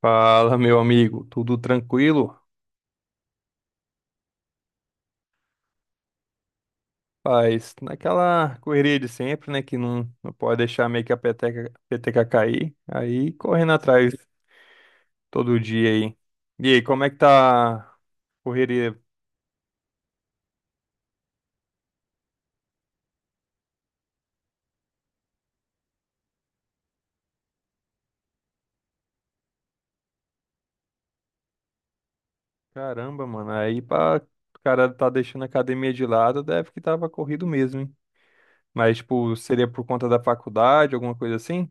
Fala, meu amigo, tudo tranquilo? Paz, naquela correria de sempre, né, que não pode deixar meio que a peteca cair, aí correndo atrás todo dia aí. E aí, como é que tá a correria? Caramba, mano, aí pra o cara tá deixando a academia de lado, deve que tava corrido mesmo, hein? Mas, tipo, seria por conta da faculdade, alguma coisa assim?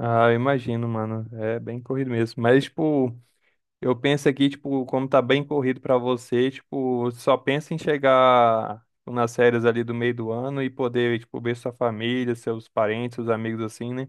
Ah, eu imagino, mano, é bem corrido mesmo. Mas, tipo, eu penso aqui, tipo, como tá bem corrido pra você, tipo, só pensa em chegar tipo, nas férias ali do meio do ano e poder, tipo, ver sua família, seus parentes, seus amigos assim, né?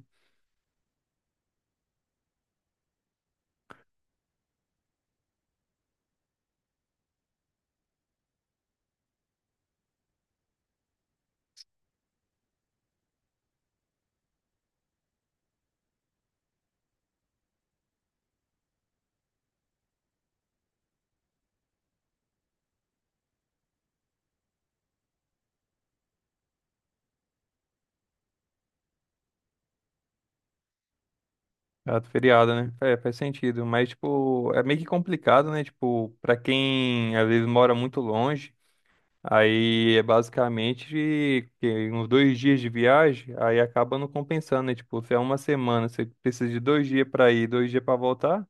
Ah, do feriado, né? É, faz sentido, mas, tipo, é meio que complicado, né? Tipo, pra quem às vezes mora muito longe, aí é basicamente que uns dois dias de viagem, aí acaba não compensando, né? Tipo, se é uma semana, você precisa de dois dias pra ir, dois dias pra voltar.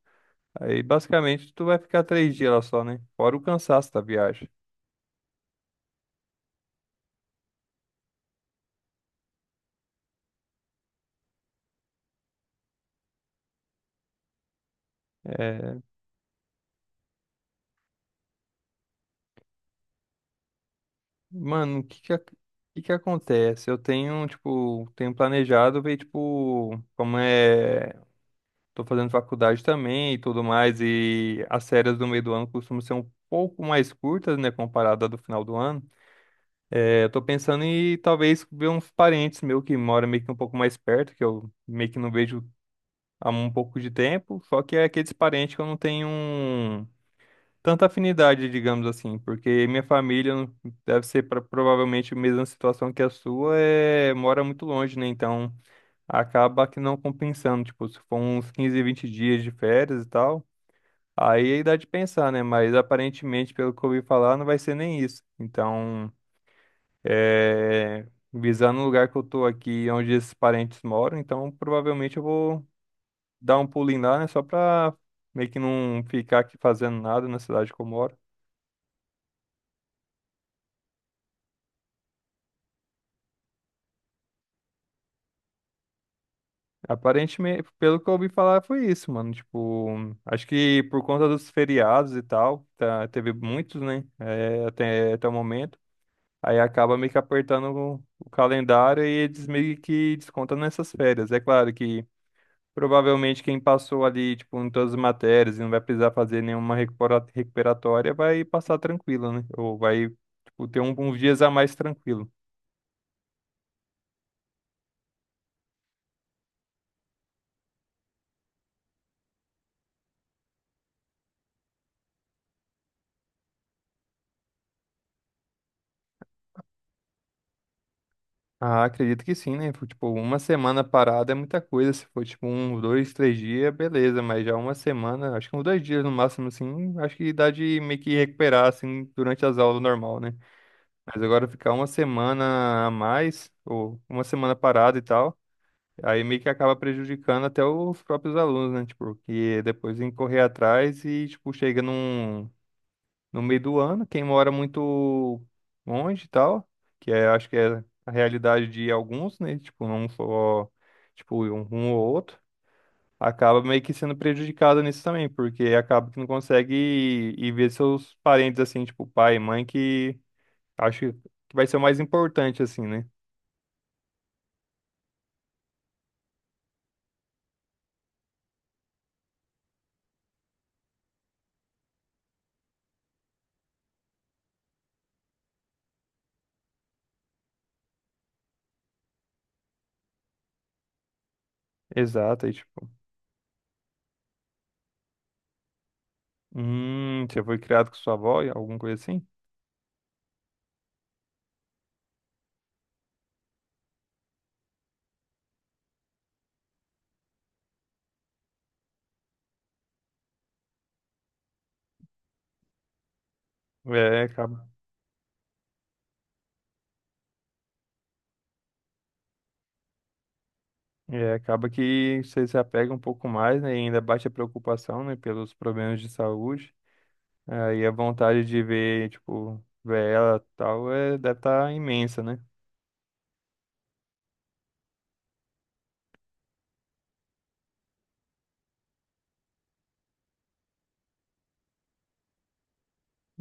Aí basicamente tu vai ficar três dias lá só, né? Fora o cansaço da viagem. É, mano, o que que acontece? Eu tenho, tipo, tenho planejado ver, tipo, como é. Tô fazendo faculdade também e tudo mais, e as férias do meio do ano costumam ser um pouco mais curtas, né, comparada à do final do ano. É, eu tô pensando em talvez ver uns parentes meu que moram meio que um pouco mais perto, que eu meio que não vejo há um pouco de tempo, só que é aqueles parentes que eu não tenho um tanta afinidade, digamos assim, porque minha família não- deve ser pra, provavelmente a mesma situação que a sua, é, mora muito longe, né? Então acaba que não compensando, tipo, se for uns 15, 20 dias de férias e tal, aí dá de pensar, né? Mas aparentemente, pelo que eu ouvi falar, não vai ser nem isso. Então, é, visando o lugar que eu tô aqui, onde esses parentes moram, então provavelmente eu vou dar um pulinho lá, né? Só pra meio que não ficar aqui fazendo nada na cidade que eu moro. Aparentemente, pelo que eu ouvi falar, foi isso, mano. Tipo, acho que por conta dos feriados e tal, tá, teve muitos, né? É, até o momento. Aí acaba meio que apertando o calendário e eles meio que descontam nessas férias. É claro que provavelmente quem passou ali, tipo, em todas as matérias e não vai precisar fazer nenhuma recuperatória vai passar tranquilo, né? Ou vai, tipo, ter uns dias a mais tranquilo. Ah, acredito que sim, né? Foi, tipo, uma semana parada é muita coisa. Se for, tipo, um, dois, três dias, beleza. Mas já uma semana, acho que uns dois dias no máximo, assim, acho que dá de meio que recuperar, assim, durante as aulas normal, né? Mas agora ficar uma semana a mais, ou uma semana parada e tal, aí meio que acaba prejudicando até os próprios alunos, né? Tipo, que depois tem que correr atrás e, tipo, chega num, no meio do ano. Quem mora muito longe e tal, que é, acho que é a realidade de alguns, né? Tipo, não só, tipo, um ou outro, acaba meio que sendo prejudicado nisso também, porque acaba que não consegue ir ver seus parentes, assim, tipo, pai e mãe, que acho que vai ser o mais importante, assim, né? Exato, aí, tipo, você foi criado com sua avó, alguma coisa assim? É, acaba. É, acaba que você se apega um pouco mais, né? E ainda bate a preocupação, né? Pelos problemas de saúde. Aí a vontade de ver, tipo, ver ela e tal, é, deve estar imensa, né?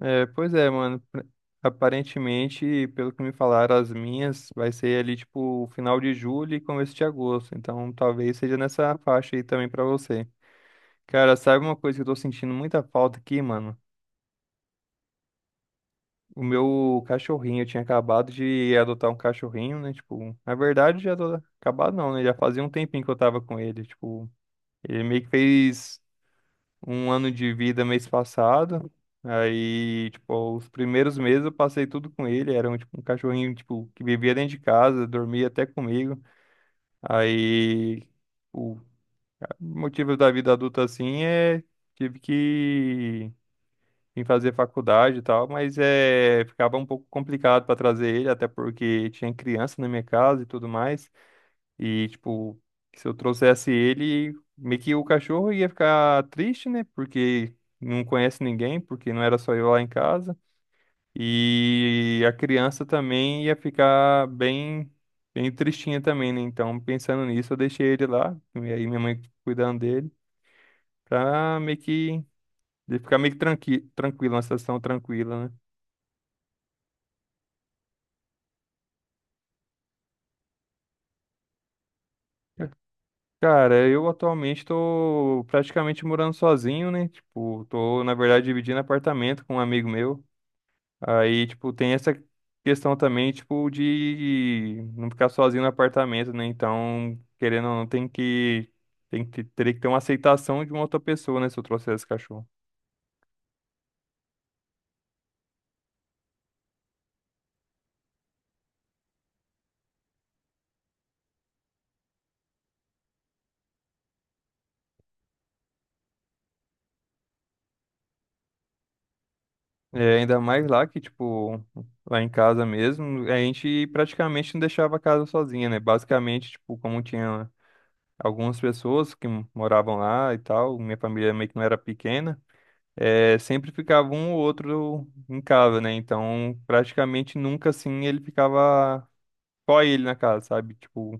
É, pois é, mano. Pra- aparentemente, pelo que me falaram, as minhas vai ser ali, tipo, final de julho e começo de agosto. Então, talvez seja nessa faixa aí também pra você. Cara, sabe uma coisa que eu tô sentindo muita falta aqui, mano? O meu cachorrinho, eu tinha acabado de adotar um cachorrinho, né? Tipo, na verdade, já tô... acabado não, né? Já fazia um tempinho que eu tava com ele. Tipo, ele meio que fez um ano de vida mês passado. Aí, tipo, os primeiros meses eu passei tudo com ele. Era um, tipo, um cachorrinho, tipo, que vivia dentro de casa, dormia até comigo. Aí, o motivo da vida adulta, assim, é... Tive que em fazer faculdade e tal, mas é, ficava um pouco complicado para trazer ele, até porque tinha criança na minha casa e tudo mais. E, tipo, se eu trouxesse ele, meio que o cachorro ia ficar triste, né? Porque não conhece ninguém, porque não era só eu lá em casa. E a criança também ia ficar bem, bem tristinha também, né? Então, pensando nisso, eu deixei ele lá, e aí minha mãe cuidando dele, pra meio que. Ele ficar meio que tranquilo, uma situação tranquila, né? Cara, eu atualmente tô praticamente morando sozinho, né? Tipo, tô, na verdade, dividindo apartamento com um amigo meu. Aí, tipo, tem essa questão também, tipo, de não ficar sozinho no apartamento, né? Então, querendo ou não, teria que ter uma aceitação de uma outra pessoa, né? Se eu trouxer esse cachorro. É, ainda mais lá que, tipo, lá em casa mesmo, a gente praticamente não deixava a casa sozinha, né? Basicamente, tipo, como tinha algumas pessoas que moravam lá e tal, minha família meio que não era pequena, é, sempre ficava um ou outro em casa, né? Então, praticamente nunca assim ele ficava só ele na casa, sabe? Tipo,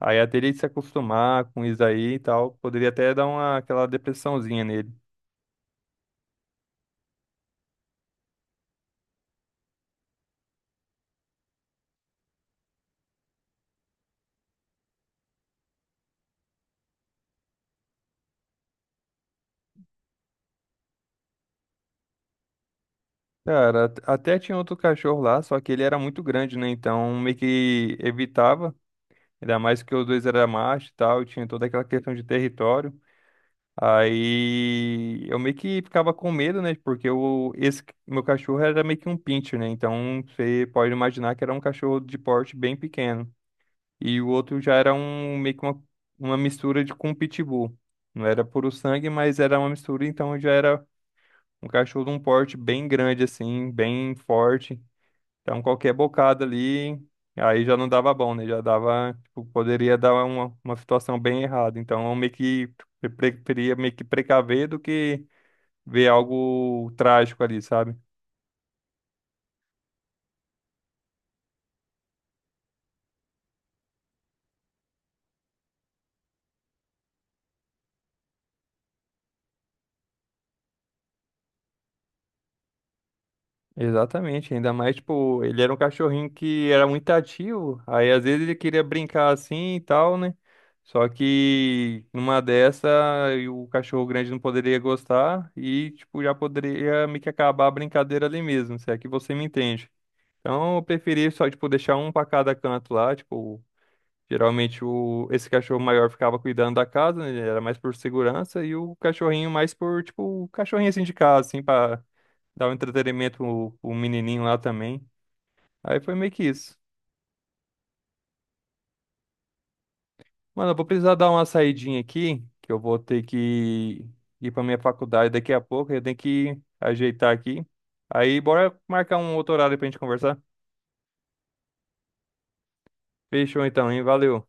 aí até ele se acostumar com isso aí e tal, poderia até dar uma aquela depressãozinha nele. Cara, até tinha outro cachorro lá, só que ele era muito grande, né? Então meio que evitava, ainda mais que os dois eram macho e tal, e tinha toda aquela questão de território. Aí eu meio que ficava com medo, né? Porque esse meu cachorro era meio que um pincher, né? Então você pode imaginar que era um cachorro de porte bem pequeno. E o outro já era um meio que uma mistura de com um pitbull. Não era puro sangue, mas era uma mistura, então já era um cachorro de um porte bem grande, assim, bem forte. Então qualquer bocado ali, aí já não dava bom, né? Já dava, tipo, poderia dar uma situação bem errada. Então eu meio que preferia meio que precaver do que ver algo trágico ali, sabe? Exatamente, ainda mais, tipo, ele era um cachorrinho que era muito ativo, aí às vezes ele queria brincar assim e tal, né? Só que numa dessa, e o cachorro grande não poderia gostar e, tipo, já poderia meio que acabar a brincadeira ali mesmo, se é que você me entende. Então, eu preferi só, tipo, deixar um pra cada canto lá, tipo, geralmente esse cachorro maior ficava cuidando da casa, né? Ele era mais por segurança, e o cachorrinho mais por, tipo, o cachorrinho assim de casa, assim, pra dar um entretenimento pro menininho lá também. Aí foi meio que isso. Mano, eu vou precisar dar uma saidinha aqui, que eu vou ter que ir pra minha faculdade daqui a pouco, eu tenho que ajeitar aqui. Aí, bora marcar um outro horário pra gente conversar? Fechou então, hein? Valeu.